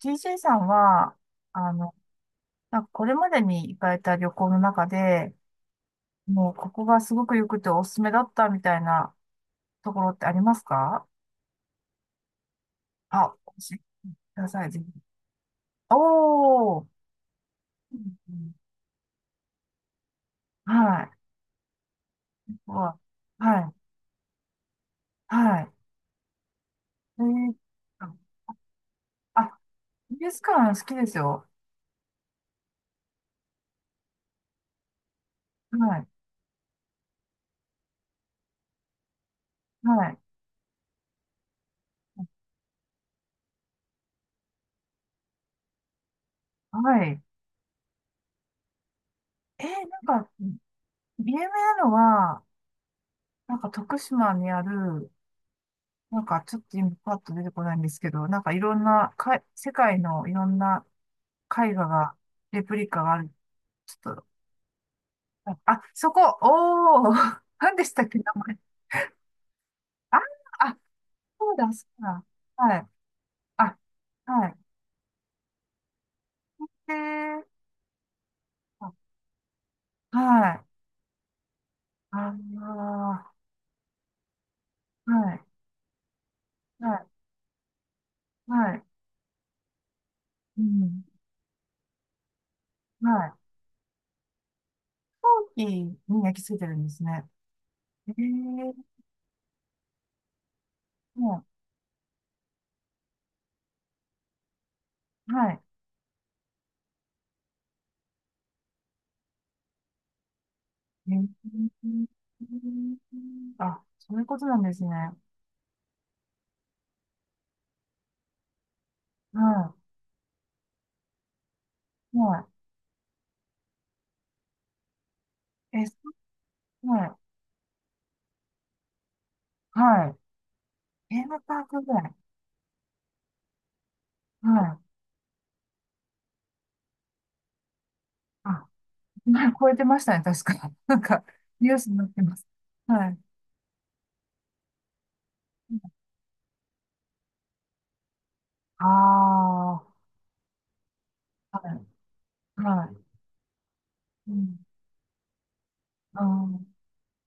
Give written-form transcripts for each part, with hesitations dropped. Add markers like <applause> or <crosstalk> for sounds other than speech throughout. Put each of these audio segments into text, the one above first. t c さんは、あの、なんかこれまでに行かれた旅行の中で、もうここがすごく良くておすすめだったみたいなところってありますか？あ、教えてください、ぜひ。おー、うんうんはい。ここははい、はい。えー、あ、美術館好きですよ。はい、はい、はい。えー、なんか、有名なのは、なんか徳島にある、なんかちょっと今パッと出てこないんですけど、なんかいろんな、世界のいろんな絵画が、レプリカがある。ちょっと、あ、あそこ、おー、<laughs> 何でしたっけ、名前。あ、あ、そうだ、そうだ。はい。あ、はい。で、あ、はい。あー、はい、はい、はい。うん、はい。飛行機に焼き付いてるんですね。えー、はい。えーあ、そういうことなんですね。はい。はい。え、そうはい。はい。テーマパークぐらい。はい。あ、今超えてましたね、確か。<laughs> なんか、ニュースになってます。はい。ああ、はい。はい。うん。あ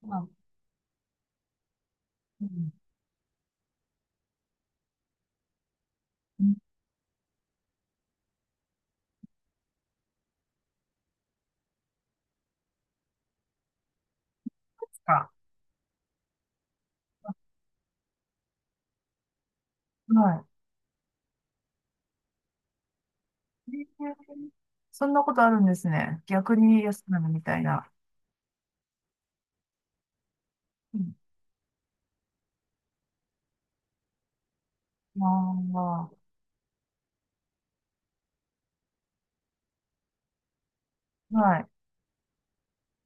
ーあ、うん。うんか。はい。えーそんなことあるんですね。逆に安くなるみたいな。うん。ああ、はい。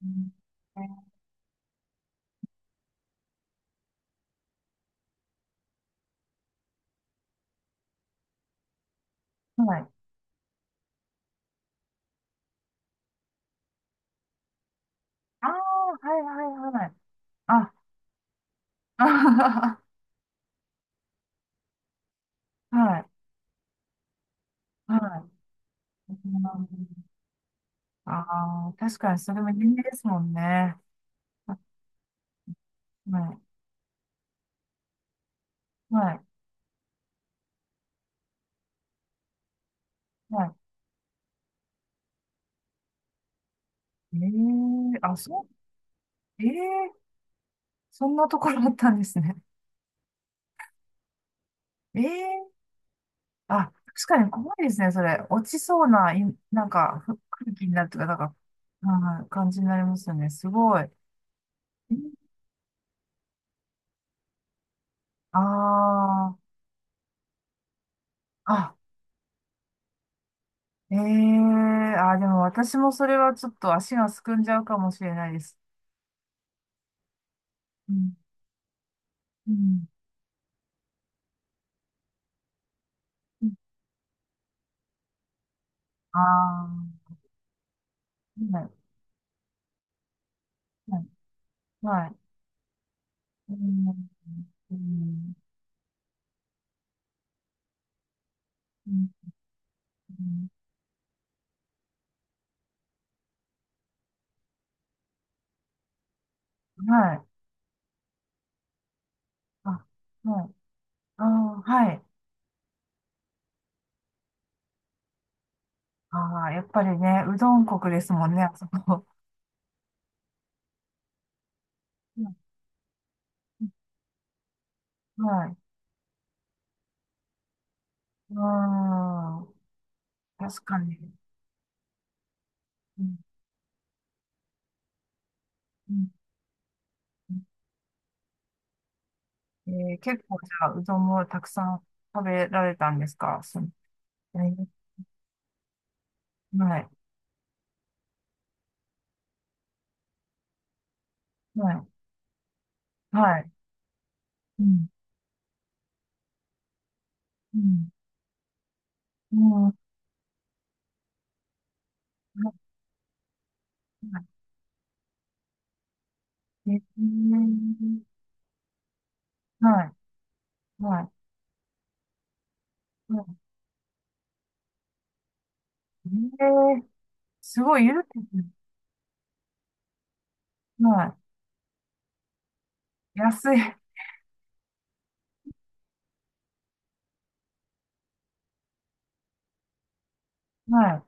うん、えはい。ああ、はいはいはい。あ、あ <laughs> はい、はい。ああー、確かにそれも人気ですもんね。あはい、はい、はい。ええあ、そう、ええそんなところだったんですね。ええあ、確かに怖いですね、それ。落ちそうな、なんか、空気になるというか、なんか、はい、感じになりますよね。すごい。ああー、あ、ええあ、でも私もそれはちょっと足がすくんじゃうかもしれないです。うん。うん。ああ、はい、はい、はい。うん、うん、うん、うんはい。あ、はい。ああ、はい。ああ、やっぱりね、うどん国ですもんね、あそこ。うんはい。うん。確かに。うん、うん、結構じゃあ、うどんもたくさん食べられたんですかその、えーはい。はい。はい。うん。うん。もう、はい。はい。はい。はい。はい。えー、すごい、ゆるくて、はい。安い。はい。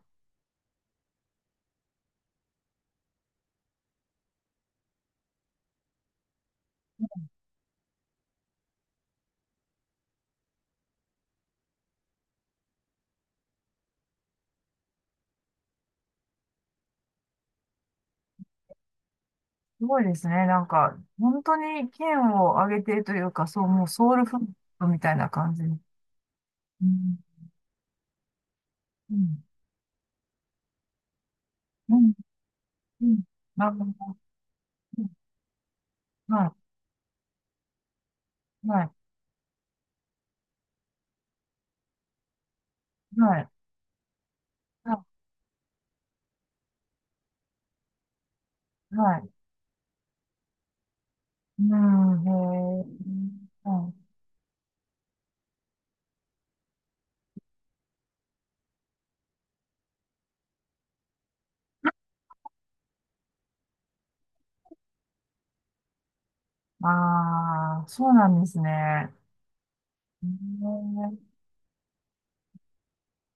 すごいですね。なんか、本当に県を挙げてというか、そう、もうソウルフードみたいな感じ。うん。うん。うん。うん。なるほど。うんはい。はい。はい。はい。はい。うん。へえ。うん。ああ、そうなんですね。へえ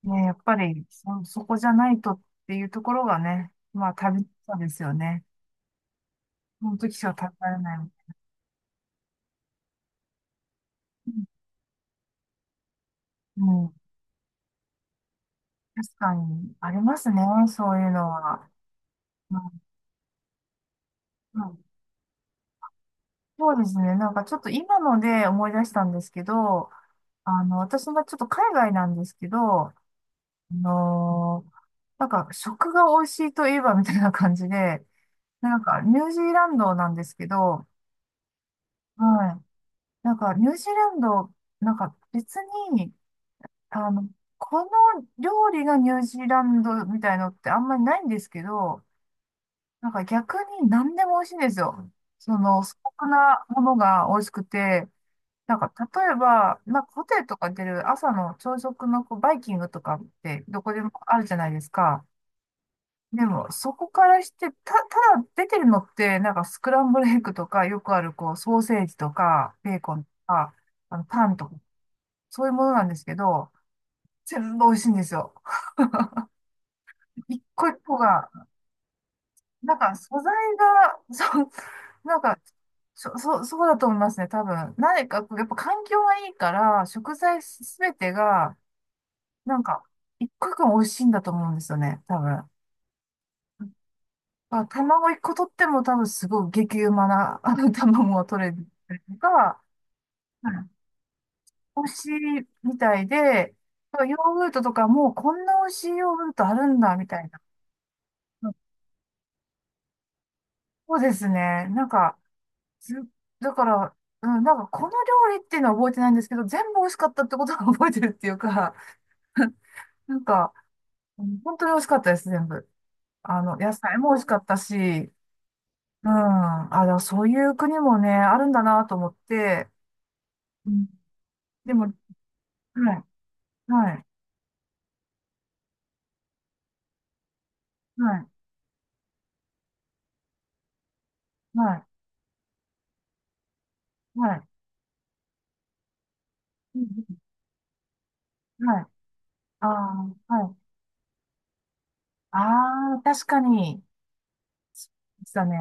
ね、やっぱりそこじゃないとっていうところがね、まあ旅そうですよね。その時しか食べられない。うん、うん確かにありますね、そういうのは。うんうんそうですね、なんかちょっと今ので思い出したんですけど、私がちょっと海外なんですけど、のーなんか食が美味しいといえばみたいな感じで、なんかニュージーランドなんですけど、はい。なんかニュージーランド、なんか別に、あの、この料理がニュージーランドみたいのってあんまりないんですけど、なんか逆に何でも美味しいんですよ。その素朴なものが美味しくて、なんか例えば、なんかホテルとか出る朝の朝食のこうバイキングとかってどこでもあるじゃないですか。でもそこからして、ただ出てるのってなんかスクランブルエッグとかよくあるこうソーセージとかベーコンとかあのパンとかそういうものなんですけど、全部美味しいんですよ。一個一個が、なんか素材が、<laughs> そう、なんか、そう、そうだと思いますね、多分。何か、やっぱ環境がいいから、食材すべてが、なんか、一個一個美味しいんだと思うんですよね、多分。まあ、卵一個取っても多分すごい激うまな、<laughs> 卵が取れたりとか、うん美味しいみたいで、ヨーグルトとかもうこんな美味しいヨーグルトあるんだ、みたいな。そうですね。なんか、ず、だから、うん、なんかこの料理っていうのは覚えてないんですけど、全部美味しかったってことは覚えてるっていうか、<laughs> なんか、うん本当に美味しかったです、全部。野菜も美味しかったし、うん、あ、でもそういう国もね、あるんだなと思って、うん、でも、はい、はい、はい、はい、はい、うんはい、あー、はい、ああ確かに、でしたね。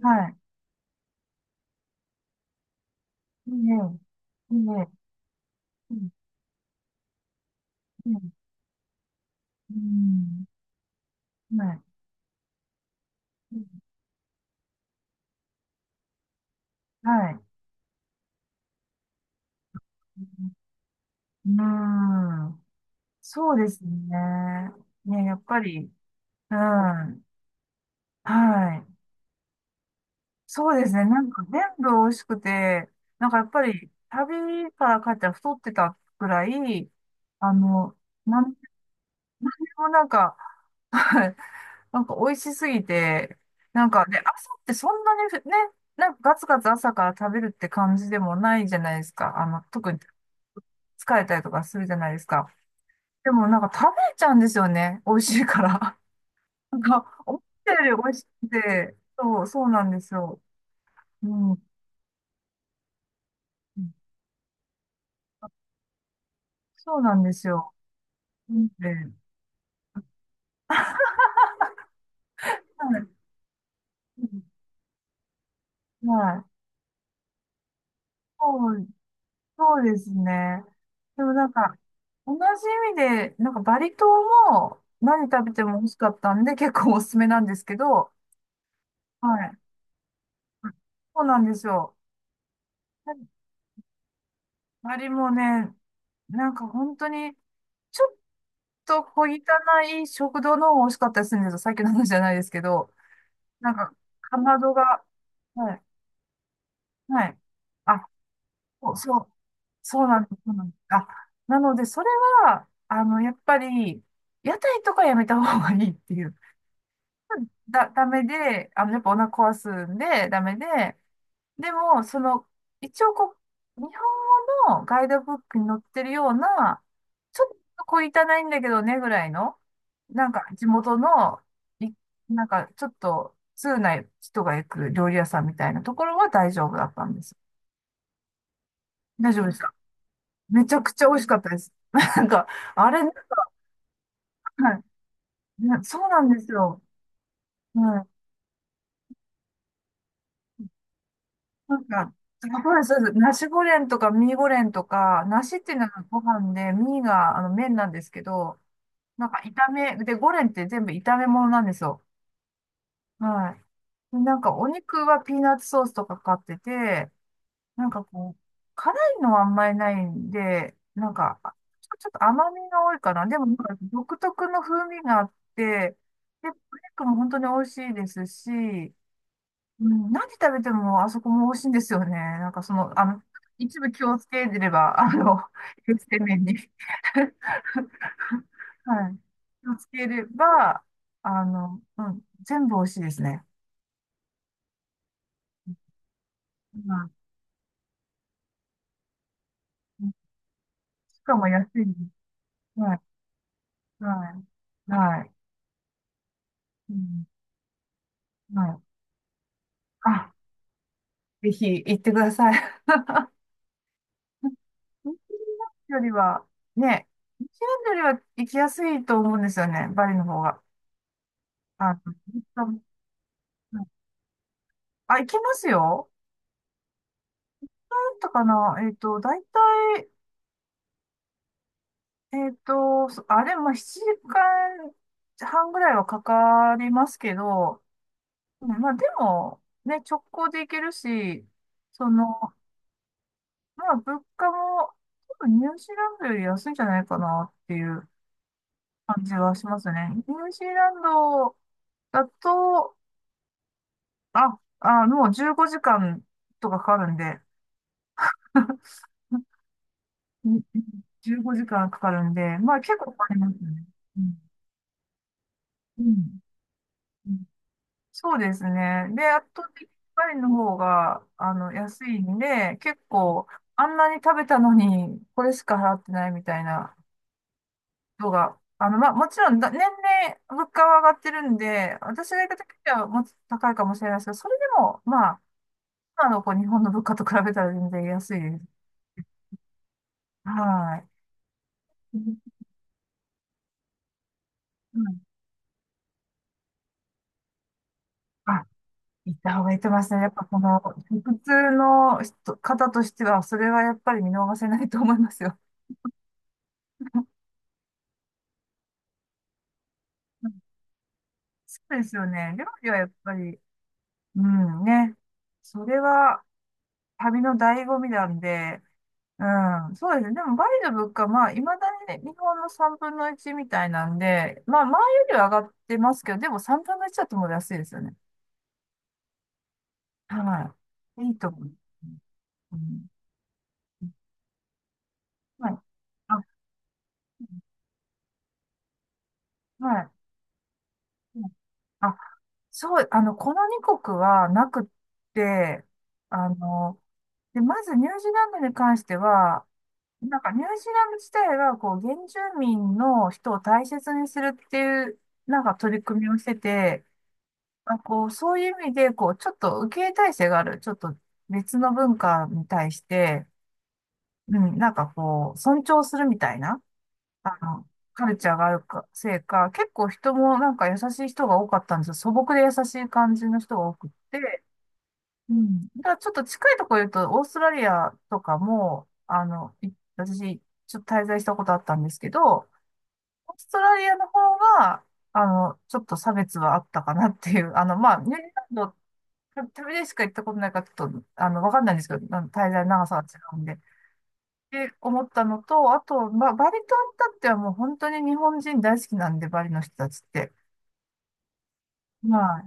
はい、いいね、いいね、うん、うん、うんはい、はい。うん。うんそうですね。ね、やっぱり、うん。はい。そうですね。なんか全部美味しくて、なんかやっぱり旅から帰ったら太ってたくらい、あの、なんでもなんか、はい。なんか美味しすぎて、なんかね、朝ってそんなにね、なんかガツガツ朝から食べるって感じでもないじゃないですか。特に疲れたりとかするじゃないですか。でもなんか食べちゃうんですよね。美味しいから。<laughs> なんか、思ったより美味しくて、そう、そうなんですよ。うん。そうなんですよ。うんで、はい。はいそう、そうですね。でもなんか、同じ意味で、なんかバリ島も何食べても美味しかったんで、結構おすすめなんですけど、はい。そうなんですよ。バリもね、なんか本当に、ちょっと小汚い食堂の方が美味しかったりするんですよ。さっきの話じゃないですけど、なんか、かまどが、はい、はい。あ、そうそう、そうなんです。そうなんです。あ、なので、それは、やっぱり、屋台とかやめた方がいいっていう。ダメで、やっぱお腹壊すんで、ダメで、でも、その、一応こう、日本語のガイドブックに載ってるような、ちょっと小汚いんだけどねぐらいの、なんか地元の、いなんかちょっと通な人が行く料理屋さんみたいなところは大丈夫だったんです。大丈夫でした。めちゃくちゃ美味しかったです。<laughs> なんか、あれ、はいねそうなんですよ。うん。なんか、そうです、そうです。ナシゴレンとかミーゴレンとか、ナシっていうのはご飯で、ミーがあの麺なんですけど、なんかで、ゴレンって全部炒め物なんですよ。はい。で、なんかお肉はピーナッツソースとかかってて、なんかこう、辛いのはあんまりないんで、なんか、ちょっと甘みが多いかな。でも、なんか独特の風味があって、で、お肉も本当に美味しいですし、うん、何食べてもあそこも美味しいんですよね。なんかその、一部気をつければ、<laughs> 衛生面に。<laughs> はい。気をつければ、うん、全部美味しいですね。はい。しかも安いです。はい。はい。はい。うん、はい。あ、ぜひ行ってください。<laughs> よりは、ね、ニュージーランドよりは行きやすいと思うんですよね、バリの方が。ずっと、はい、あ、行きますよ。なんとかな、だいたい、あれも7時間半ぐらいはかかりますけど、うん、まあでも、ね、直行で行けるし、その、まあ物価も、多分ニュージーランドより安いんじゃないかなっていう感じはしますね。ニュージーランドだと、あ、あ、もう15時間とかかかるんで、<laughs> 15時間かかるんで、まあ結構かかりますね。うん。うん。そうですね。で、圧倒的にパリの方が、安いんで、結構、あんなに食べたのに、これしか払ってないみたいな人が、まあ、もちろんだ、年々物価は上がってるんで、私が行った時はもっと高いかもしれないですけど、それでも、まあ、今のこう日本の物価と比べたら全然安いです。はい。うん、あ、行った方がいいと思いますね。やっぱこの、普通の方としては、それはやっぱり見逃せないと思いますよ。そうですよね。料理はやっぱり、うんね。それは旅の醍醐味なんで、うん、そうですね。でもバリの物価、まあ、いまだに、ね、日本の3分の1みたいなんで、まあ、前よりは上がってますけど、でも3分の1だともう安いですよね。はい。いいと思う。うん、はい。あ、はい。あ、そう、この2国はなくって、あの、で、まずニュージーランドに関しては、なんかニュージーランド自体がこう原住民の人を大切にするっていうなんか取り組みをしてて、まあ、こうそういう意味でこうちょっと受け入れ体制がある、ちょっと別の文化に対して、うん、なんかこう尊重するみたいな、あの、カルチャーがあるか、せいか、結構人もなんか優しい人が多かったんですよ。素朴で優しい感じの人が多くって、うん。だからちょっと近いところ言うと、オーストラリアとかも、私、ちょっと滞在したことあったんですけど、オーストラリアの方が、ちょっと差別はあったかなっていう、<laughs> まあ、ニュージーランド、旅でしか行ったことないから、ちょっと、わかんないんですけど、あの滞在の長さが違うんで。って思ったのと、あと、まあ、バリ島ったってはもう本当に日本人大好きなんで、バリの人たちって。は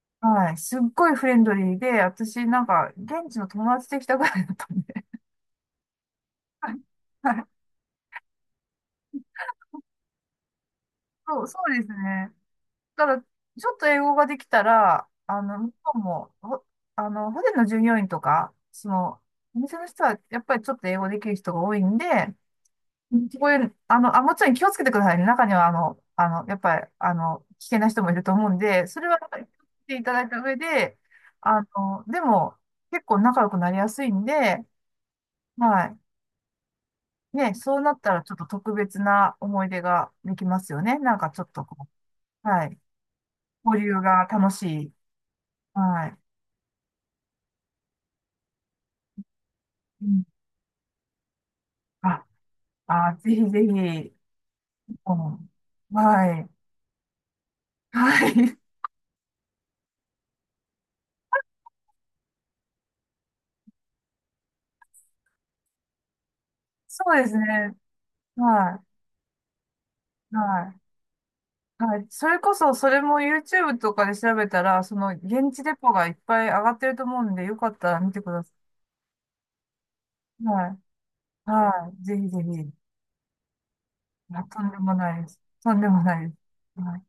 いはい。すっごいフレンドリーで、私なんか、現地の友達できたぐらいだったんで、はい、はい、そう、そうですね。ただちょっと英語ができたら、向こうも、ほあの、ホテルの従業員とか、お店の人は、やっぱりちょっと英語できる人が多いんで、こういう、あ、もちろん気をつけてくださいね。中には、やっぱり、危険な人もいると思うんで、それは、っていただいた上で、でも、結構仲良くなりやすいんで、はい。ね、そうなったら、ちょっと特別な思い出ができますよね。なんか、ちょっとこう、はい。交流が楽しい。はい。うん。あ、あ、ぜひぜひ、うん、はい。はい。<laughs> そうですね。はい。はい。はい。それこそ、それも YouTube とかで調べたら、現地レポがいっぱい上がってると思うんで、よかったら見てください。はい。はい。ぜひぜひ。いやとんでもないです。とんでもないです。はい